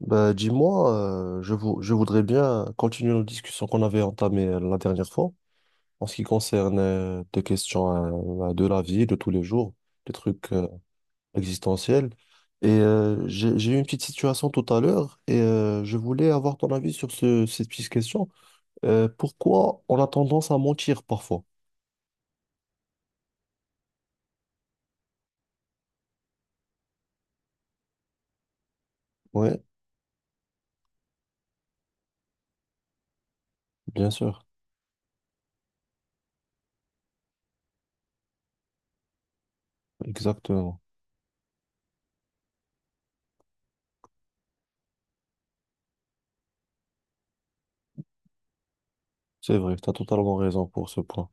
Bah, dis-moi, je voudrais bien continuer nos discussions qu'on avait entamées la dernière fois en ce qui concerne des questions de la vie, de tous les jours, des trucs existentiels. J'ai eu une petite situation tout à l'heure et je voulais avoir ton avis sur cette petite question. Pourquoi on a tendance à mentir parfois? Oui, bien sûr, exactement. C'est vrai, tu as totalement raison pour ce point.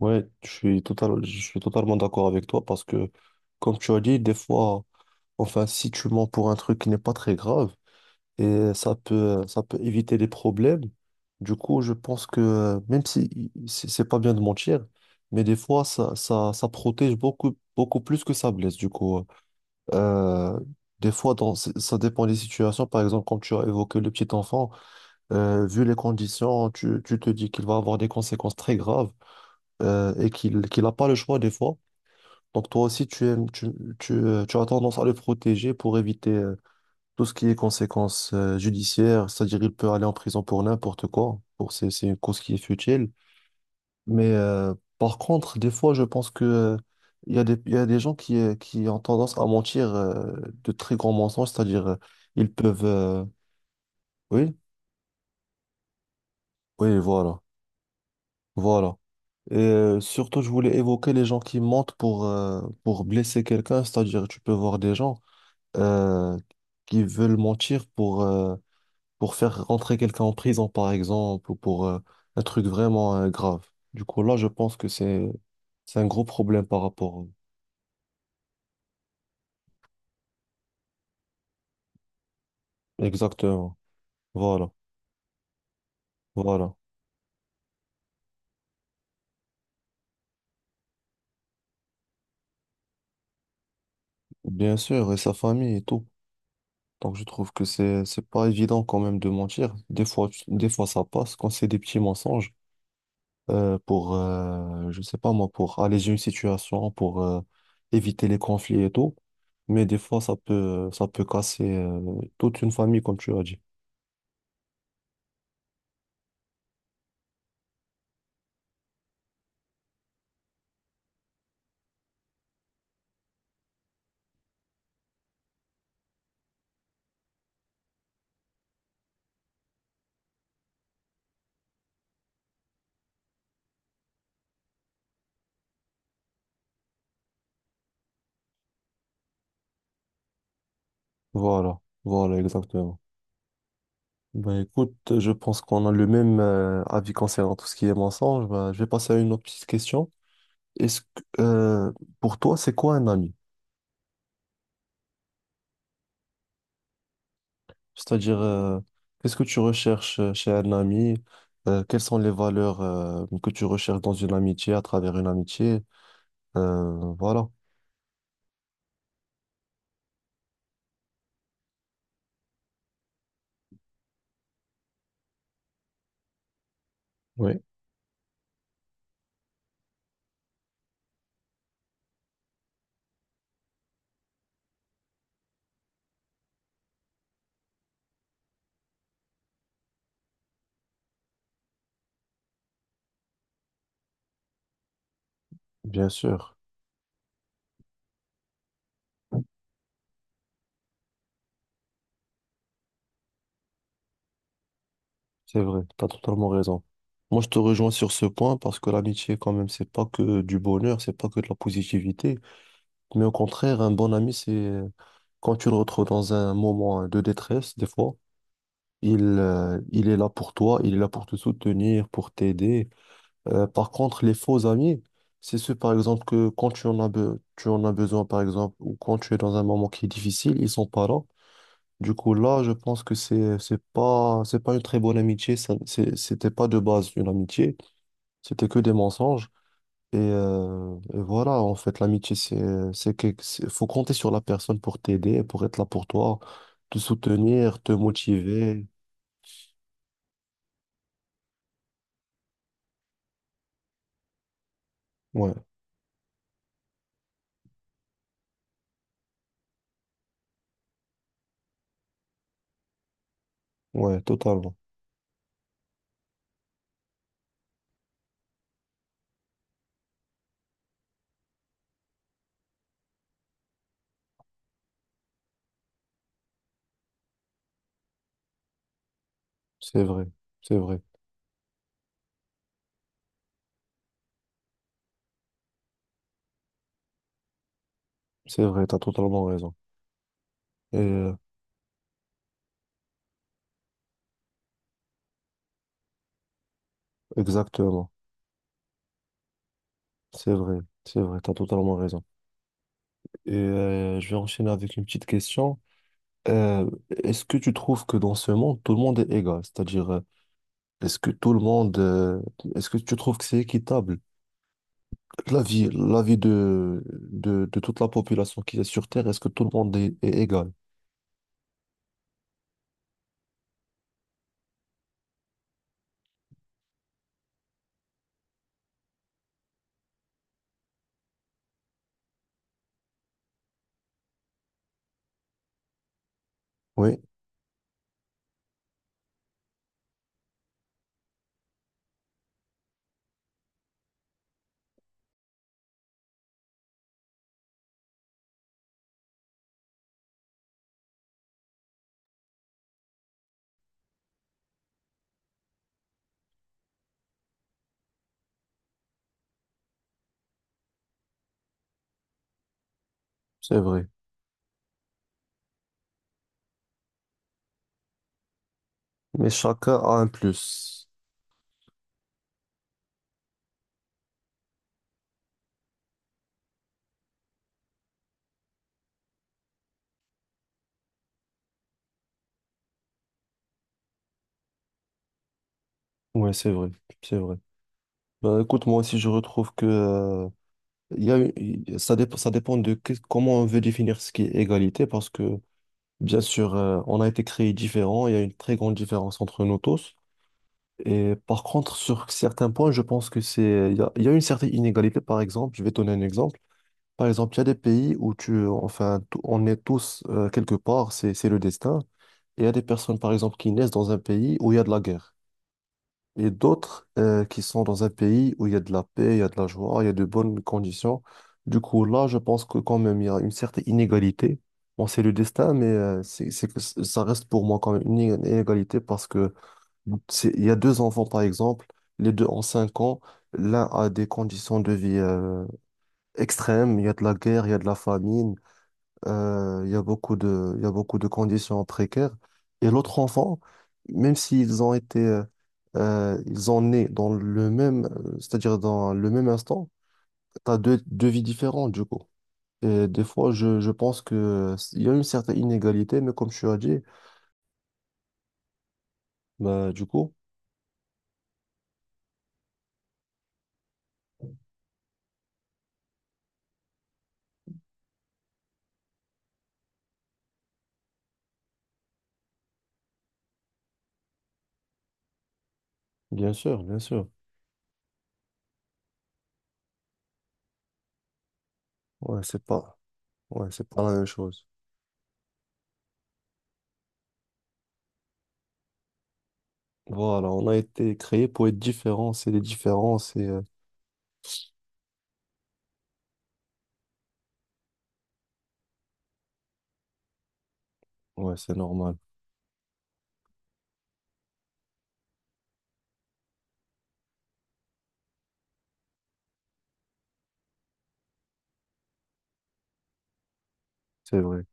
Ouais, je suis totalement d'accord avec toi parce que, comme tu as dit, des fois, enfin, si tu mens pour un truc qui n'est pas très grave et ça peut éviter des problèmes, du coup, je pense que même si c'est pas bien de mentir, mais des fois, ça protège beaucoup, beaucoup plus que ça blesse. Du coup, euh, des fois, ça dépend des situations. Par exemple, quand tu as évoqué le petit enfant, vu les conditions, tu te dis qu'il va avoir des conséquences très graves et qu'il n'a pas le choix des fois. Donc toi aussi, tu as tendance à le protéger pour éviter tout ce qui est conséquences judiciaires, c'est-à-dire il peut aller en prison pour n'importe quoi, pour c'est une cause qui est futile. Mais par contre, des fois, je pense que il y a il y a des gens qui ont tendance à mentir de très grands mensonges, c'est-à-dire ils peuvent... Oui, oui, voilà, voilà. Surtout, je voulais évoquer les gens qui mentent pour blesser quelqu'un, c'est-à-dire tu peux voir des gens euh, qui veulent mentir pour faire rentrer quelqu'un en prison, par exemple, ou pour un truc vraiment grave. Du coup, là, je pense que c'est un gros problème par rapport. Exactement. Voilà, voilà. Bien sûr, et sa famille et tout. Donc, je trouve que c'est pas évident quand même de mentir. Des fois, des fois, ça passe quand c'est des petits mensonges. Pour, je sais pas moi, pour alléger une situation, pour éviter les conflits et tout. Mais des fois, ça peut casser toute une famille, comme tu as dit. Voilà, voilà, exactement. Ben écoute, je pense qu'on a le même avis concernant tout ce qui est mensonge. Ben, je vais passer à une autre petite question. Est-ce que, pour toi, c'est quoi un ami? C'est-à-dire, qu'est-ce que tu recherches chez un ami? Quelles sont les valeurs que tu recherches dans une amitié, à travers une amitié? Voilà. Oui, bien sûr. C'est vrai, tu as totalement raison. Moi, je te rejoins sur ce point parce que l'amitié, quand même, c'est pas que du bonheur, c'est pas que de la positivité. Mais au contraire, un bon ami, c'est quand tu le retrouves dans un moment de détresse, des fois, il est là pour toi, il est là pour te soutenir, pour t'aider. Par contre, les faux amis, c'est ceux, par exemple, que quand tu en as besoin, par exemple, ou quand tu es dans un moment qui est difficile, ils sont pas là. Du coup, là, je pense que c'est pas une très bonne amitié. C'était pas de base une amitié. C'était que des mensonges. Et voilà, en fait, l'amitié, faut compter sur la personne pour t'aider, pour être là pour toi, te soutenir, te motiver. Ouais, ouais, totalement. C'est vrai, c'est vrai, c'est vrai. T'as totalement raison. Et euh, exactement, c'est vrai, c'est vrai. T'as totalement raison. Je vais enchaîner avec une petite question. Euh, Est-ce que tu trouves que dans ce monde, tout le monde est égal? C'est-à-dire, est-ce que tout le monde, est-ce que tu trouves que c'est équitable? La vie de toute la population qui est sur Terre, est-ce que tout le monde est égal? Oui, c'est vrai. Mais chacun a un plus. Oui, c'est vrai, c'est vrai. Ben, écoute, moi aussi, je retrouve que, il y a, ça dépend de comment on veut définir ce qui est égalité, parce que, bien sûr, on a été créés différents, il y a une très grande différence entre nous tous. Et par contre, sur certains points, je pense que il y a une certaine inégalité. Par exemple, je vais te donner un exemple. Par exemple, il y a des pays où enfin, on est tous quelque part, c'est le destin. Et il y a des personnes, par exemple, qui naissent dans un pays où il y a de la guerre. Et d'autres qui sont dans un pays où il y a de la paix, il y a de la joie, il y a de bonnes conditions. Du coup, là, je pense que quand même, il y a une certaine inégalité. Bon, c'est le destin, mais ça reste pour moi quand même une inégalité parce que il y a deux enfants, par exemple, les deux ont cinq ans. L'un a des conditions de vie extrêmes. Il y a de la guerre, il y a de la famine, il y a beaucoup il y a beaucoup de conditions précaires. Et l'autre enfant, même s'ils ont été, ils ont né dans le même, c'est-à-dire dans le même instant, tu as deux vies différentes, du coup. Et des fois, je pense que il y a une certaine inégalité, mais comme tu as dit, bah, du coup, bien sûr, bien sûr. Ouais, c'est pas. Ouais, c'est pas la même chose. Voilà, on a été créé pour être différents, c'est les différences et ouais, c'est normal, c'est vrai.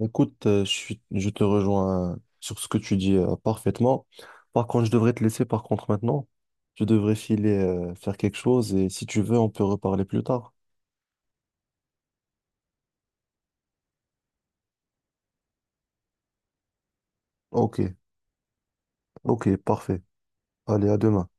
Écoute, je te rejoins sur ce que tu dis parfaitement. Par contre, je devrais te laisser par contre maintenant. Je devrais filer faire quelque chose et si tu veux, on peut reparler plus tard. Ok, ok, parfait. Allez, à demain.